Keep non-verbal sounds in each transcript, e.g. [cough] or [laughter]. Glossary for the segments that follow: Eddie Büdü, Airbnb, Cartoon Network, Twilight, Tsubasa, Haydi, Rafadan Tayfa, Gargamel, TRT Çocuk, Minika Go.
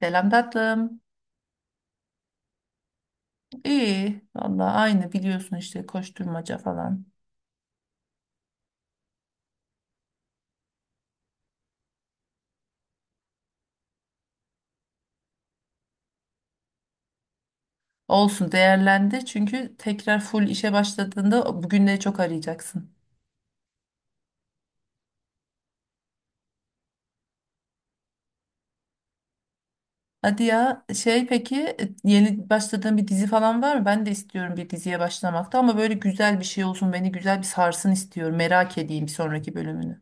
Selam tatlım. İyi. Vallahi aynı biliyorsun işte koşturmaca falan. Olsun değerlendi çünkü tekrar full işe başladığında bugünleri çok arayacaksın. Hadi ya şey peki yeni başladığın bir dizi falan var mı? Ben de istiyorum bir diziye başlamakta ama böyle güzel bir şey olsun beni güzel bir sarsın istiyorum. Merak edeyim bir sonraki bölümünü.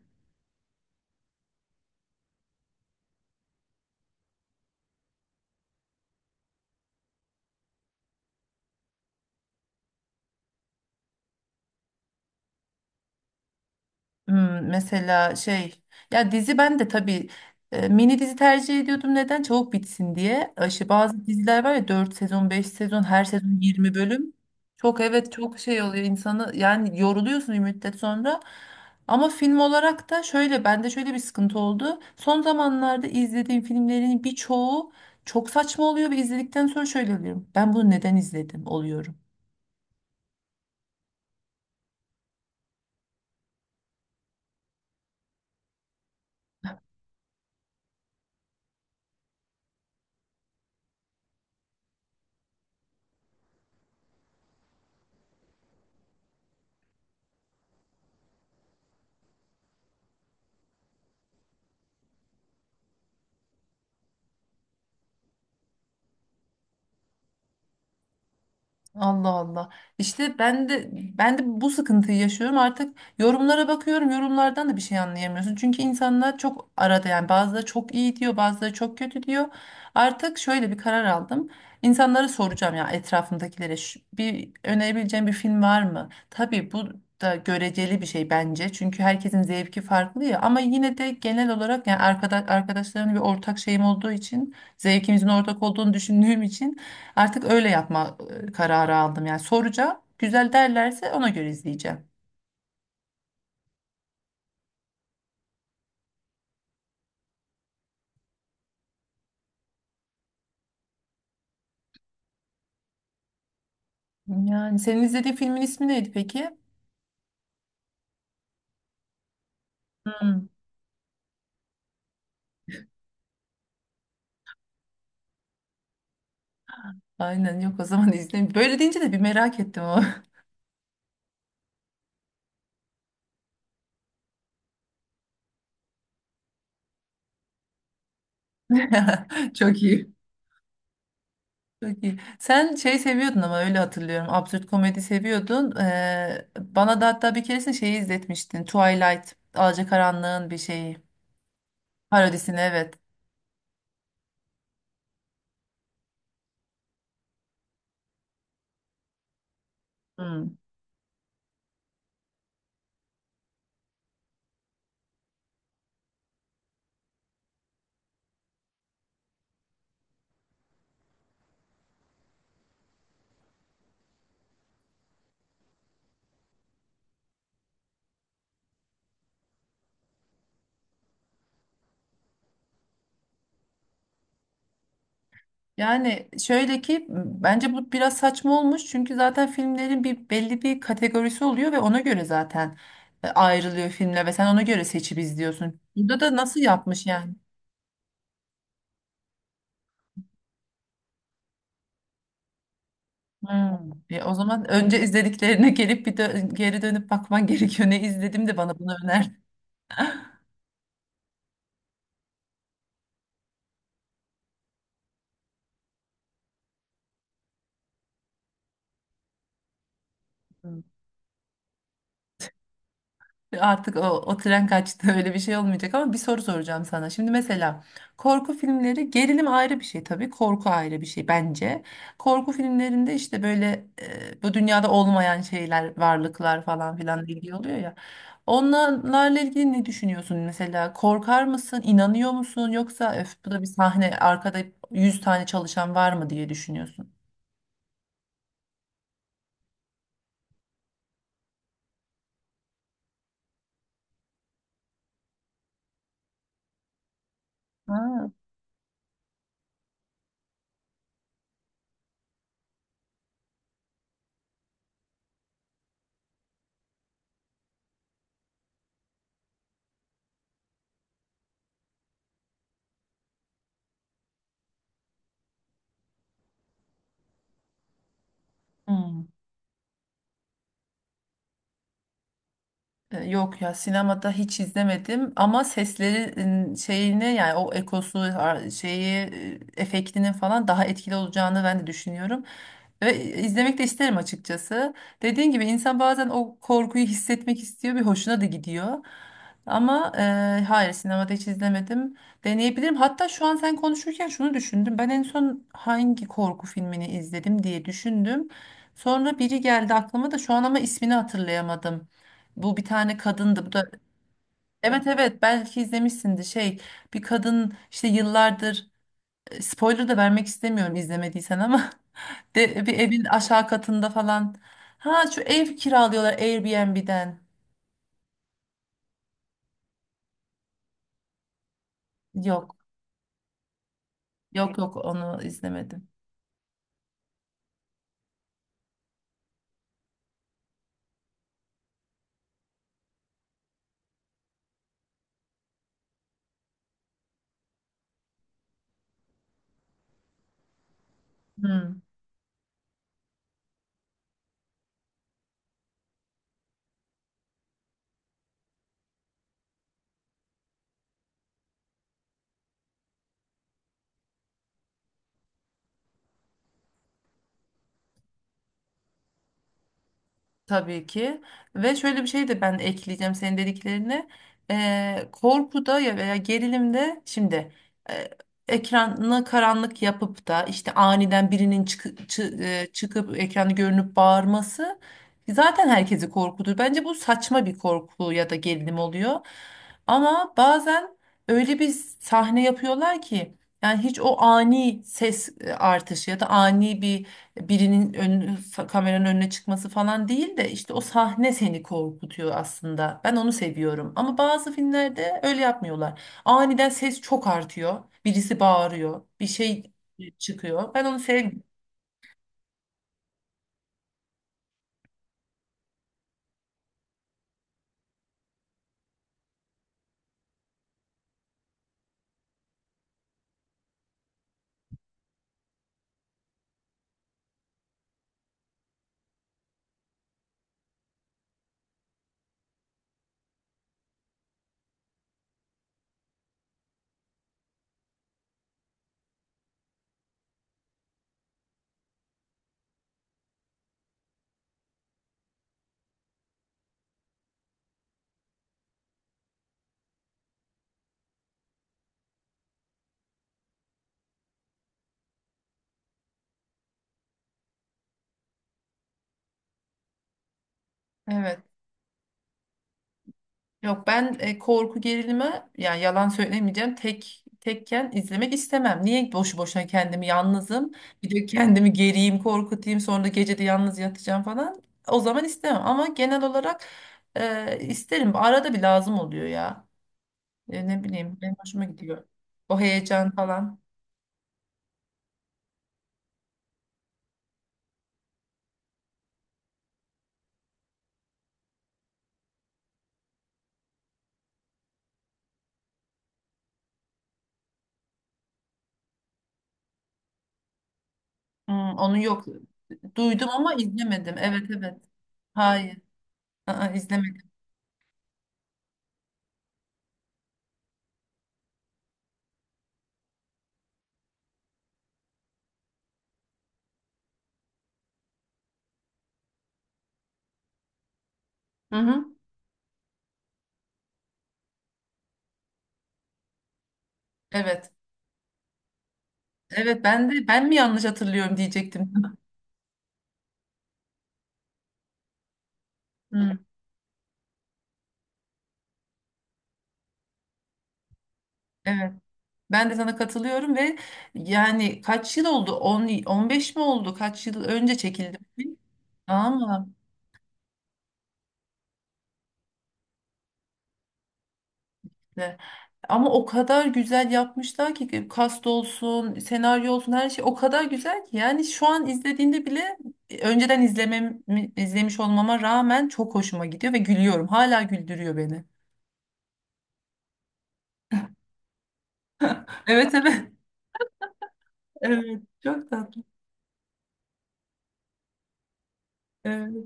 Hmm, mesela şey ya dizi ben de tabii mini dizi tercih ediyordum neden çabuk bitsin diye. İşte bazı diziler var ya 4 sezon 5 sezon her sezon 20 bölüm. Çok evet çok şey oluyor insanı yani yoruluyorsun bir müddet sonra. Ama film olarak da şöyle bende şöyle bir sıkıntı oldu. Son zamanlarda izlediğim filmlerin birçoğu çok saçma oluyor ve izledikten sonra şöyle oluyorum. Ben bunu neden izledim oluyorum. Allah Allah. İşte ben de bu sıkıntıyı yaşıyorum. Artık yorumlara bakıyorum. Yorumlardan da bir şey anlayamıyorsun. Çünkü insanlar çok arada yani bazıları çok iyi diyor, bazıları çok kötü diyor. Artık şöyle bir karar aldım. İnsanlara soracağım ya etrafımdakilere, "Şu- bir önerebileceğim bir film var mı?" Tabii bu da göreceli bir şey bence. Çünkü herkesin zevki farklı ya ama yine de genel olarak yani arkadaşlarımla bir ortak şeyim olduğu için, zevkimizin ortak olduğunu düşündüğüm için artık öyle yapma kararı aldım. Yani soracağım. Güzel derlerse ona göre izleyeceğim. Yani senin izlediğin filmin ismi neydi peki? Hmm, aynen yok o zaman [laughs] izleyeyim. Böyle deyince de bir merak ettim o. [laughs] Çok iyi. Çok iyi. Sen şey seviyordun ama öyle hatırlıyorum. Absürt komedi seviyordun. Bana da hatta bir keresinde şeyi izletmiştin. Twilight, Alacakaranlığın bir şeyi. Parodisini evet. Hmm. Yani şöyle ki bence bu biraz saçma olmuş çünkü zaten filmlerin bir belli bir kategorisi oluyor ve ona göre zaten ayrılıyor filmler ve sen ona göre seçip izliyorsun. Burada da nasıl yapmış yani? Hmm. Ya o zaman önce izlediklerine gelip geri dönüp bakman [laughs] gerekiyor. Ne izledim de bana bunu öner. Artık o tren kaçtı, [laughs] öyle bir şey olmayacak, ama bir soru soracağım sana. Şimdi mesela korku filmleri, gerilim ayrı bir şey tabii, korku ayrı bir şey bence. Korku filmlerinde işte böyle bu dünyada olmayan şeyler, varlıklar falan filan ilgili oluyor ya. Onlarla ilgili ne düşünüyorsun mesela? Korkar mısın, inanıyor musun, yoksa "Öf, bu da bir sahne arkada 100 tane çalışan var mı?" diye düşünüyorsun. Ha. Hmm. Yok ya, sinemada hiç izlemedim ama seslerin şeyine yani o ekosu şeyi efektinin falan daha etkili olacağını ben de düşünüyorum. Ve izlemek de isterim açıkçası. Dediğin gibi insan bazen o korkuyu hissetmek istiyor, bir hoşuna da gidiyor. Ama hayır, sinemada hiç izlemedim. Deneyebilirim. Hatta şu an sen konuşurken şunu düşündüm. Ben en son hangi korku filmini izledim diye düşündüm. Sonra biri geldi aklıma da şu an ama ismini hatırlayamadım. Bu bir tane kadındı. Bu da evet evet belki izlemişsindir şey, bir kadın işte yıllardır spoiler da vermek istemiyorum izlemediysen ama [laughs] bir evin aşağı katında falan. Ha, şu ev kiralıyorlar Airbnb'den. Yok yok yok, onu izlemedim. Hmm. Tabii ki. Ve şöyle bir şey de ben ekleyeceğim senin dediklerine. Korkuda ya veya gerilimde, şimdi e, ekranı karanlık yapıp da işte aniden birinin çıkıp ekranı görünüp bağırması zaten herkesi korkutur. Bence bu saçma bir korku ya da gerilim oluyor. Ama bazen öyle bir sahne yapıyorlar ki yani hiç o ani ses artışı ya da ani bir birinin kameranın önüne çıkması falan değil de işte o sahne seni korkutuyor aslında. Ben onu seviyorum. Ama bazı filmlerde öyle yapmıyorlar. Aniden ses çok artıyor. Birisi bağırıyor. Bir şey çıkıyor. Ben onu sevmiyorum. Evet. Yok, ben korku gerilimi yani yalan söylemeyeceğim tek tekken izlemek istemem. Niye boşu boşuna kendimi yalnızım bir de kendimi geriyim korkutayım, sonra da gece de yalnız yatacağım falan, o zaman istemem. Ama genel olarak isterim, arada bir lazım oluyor ya. Ne bileyim benim hoşuma gidiyor o heyecan falan. Hmm, onu yok, duydum ama izlemedim. Evet evet, hayır. Aa, izlemedim. Hı hı. Evet evet, ben de "Ben mi yanlış hatırlıyorum?" diyecektim. [laughs] Hı, evet. Ben de sana katılıyorum ve yani kaç yıl oldu? 10, 15 mi oldu? Kaç yıl önce çekildi bu film? Ama işte. Ama o kadar güzel yapmışlar ki, kast olsun, senaryo olsun her şey o kadar güzel ki yani şu an izlediğinde bile önceden izlemiş olmama rağmen çok hoşuma gidiyor ve gülüyorum. Hala güldürüyor beni. Evet evet. [laughs] Evet, çok tatlı. Evet,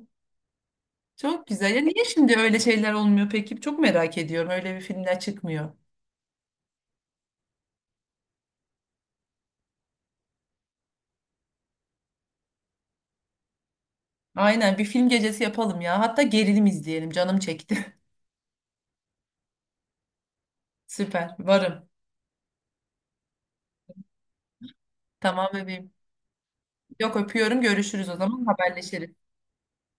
çok güzel. Ya niye şimdi öyle şeyler olmuyor peki? Çok merak ediyorum. Öyle bir filmler çıkmıyor. Aynen, bir film gecesi yapalım ya. Hatta gerilim izleyelim. Canım çekti. [laughs] Süper. Varım. Tamam bebeğim. Yok, öpüyorum. Görüşürüz o zaman. Haberleşiriz.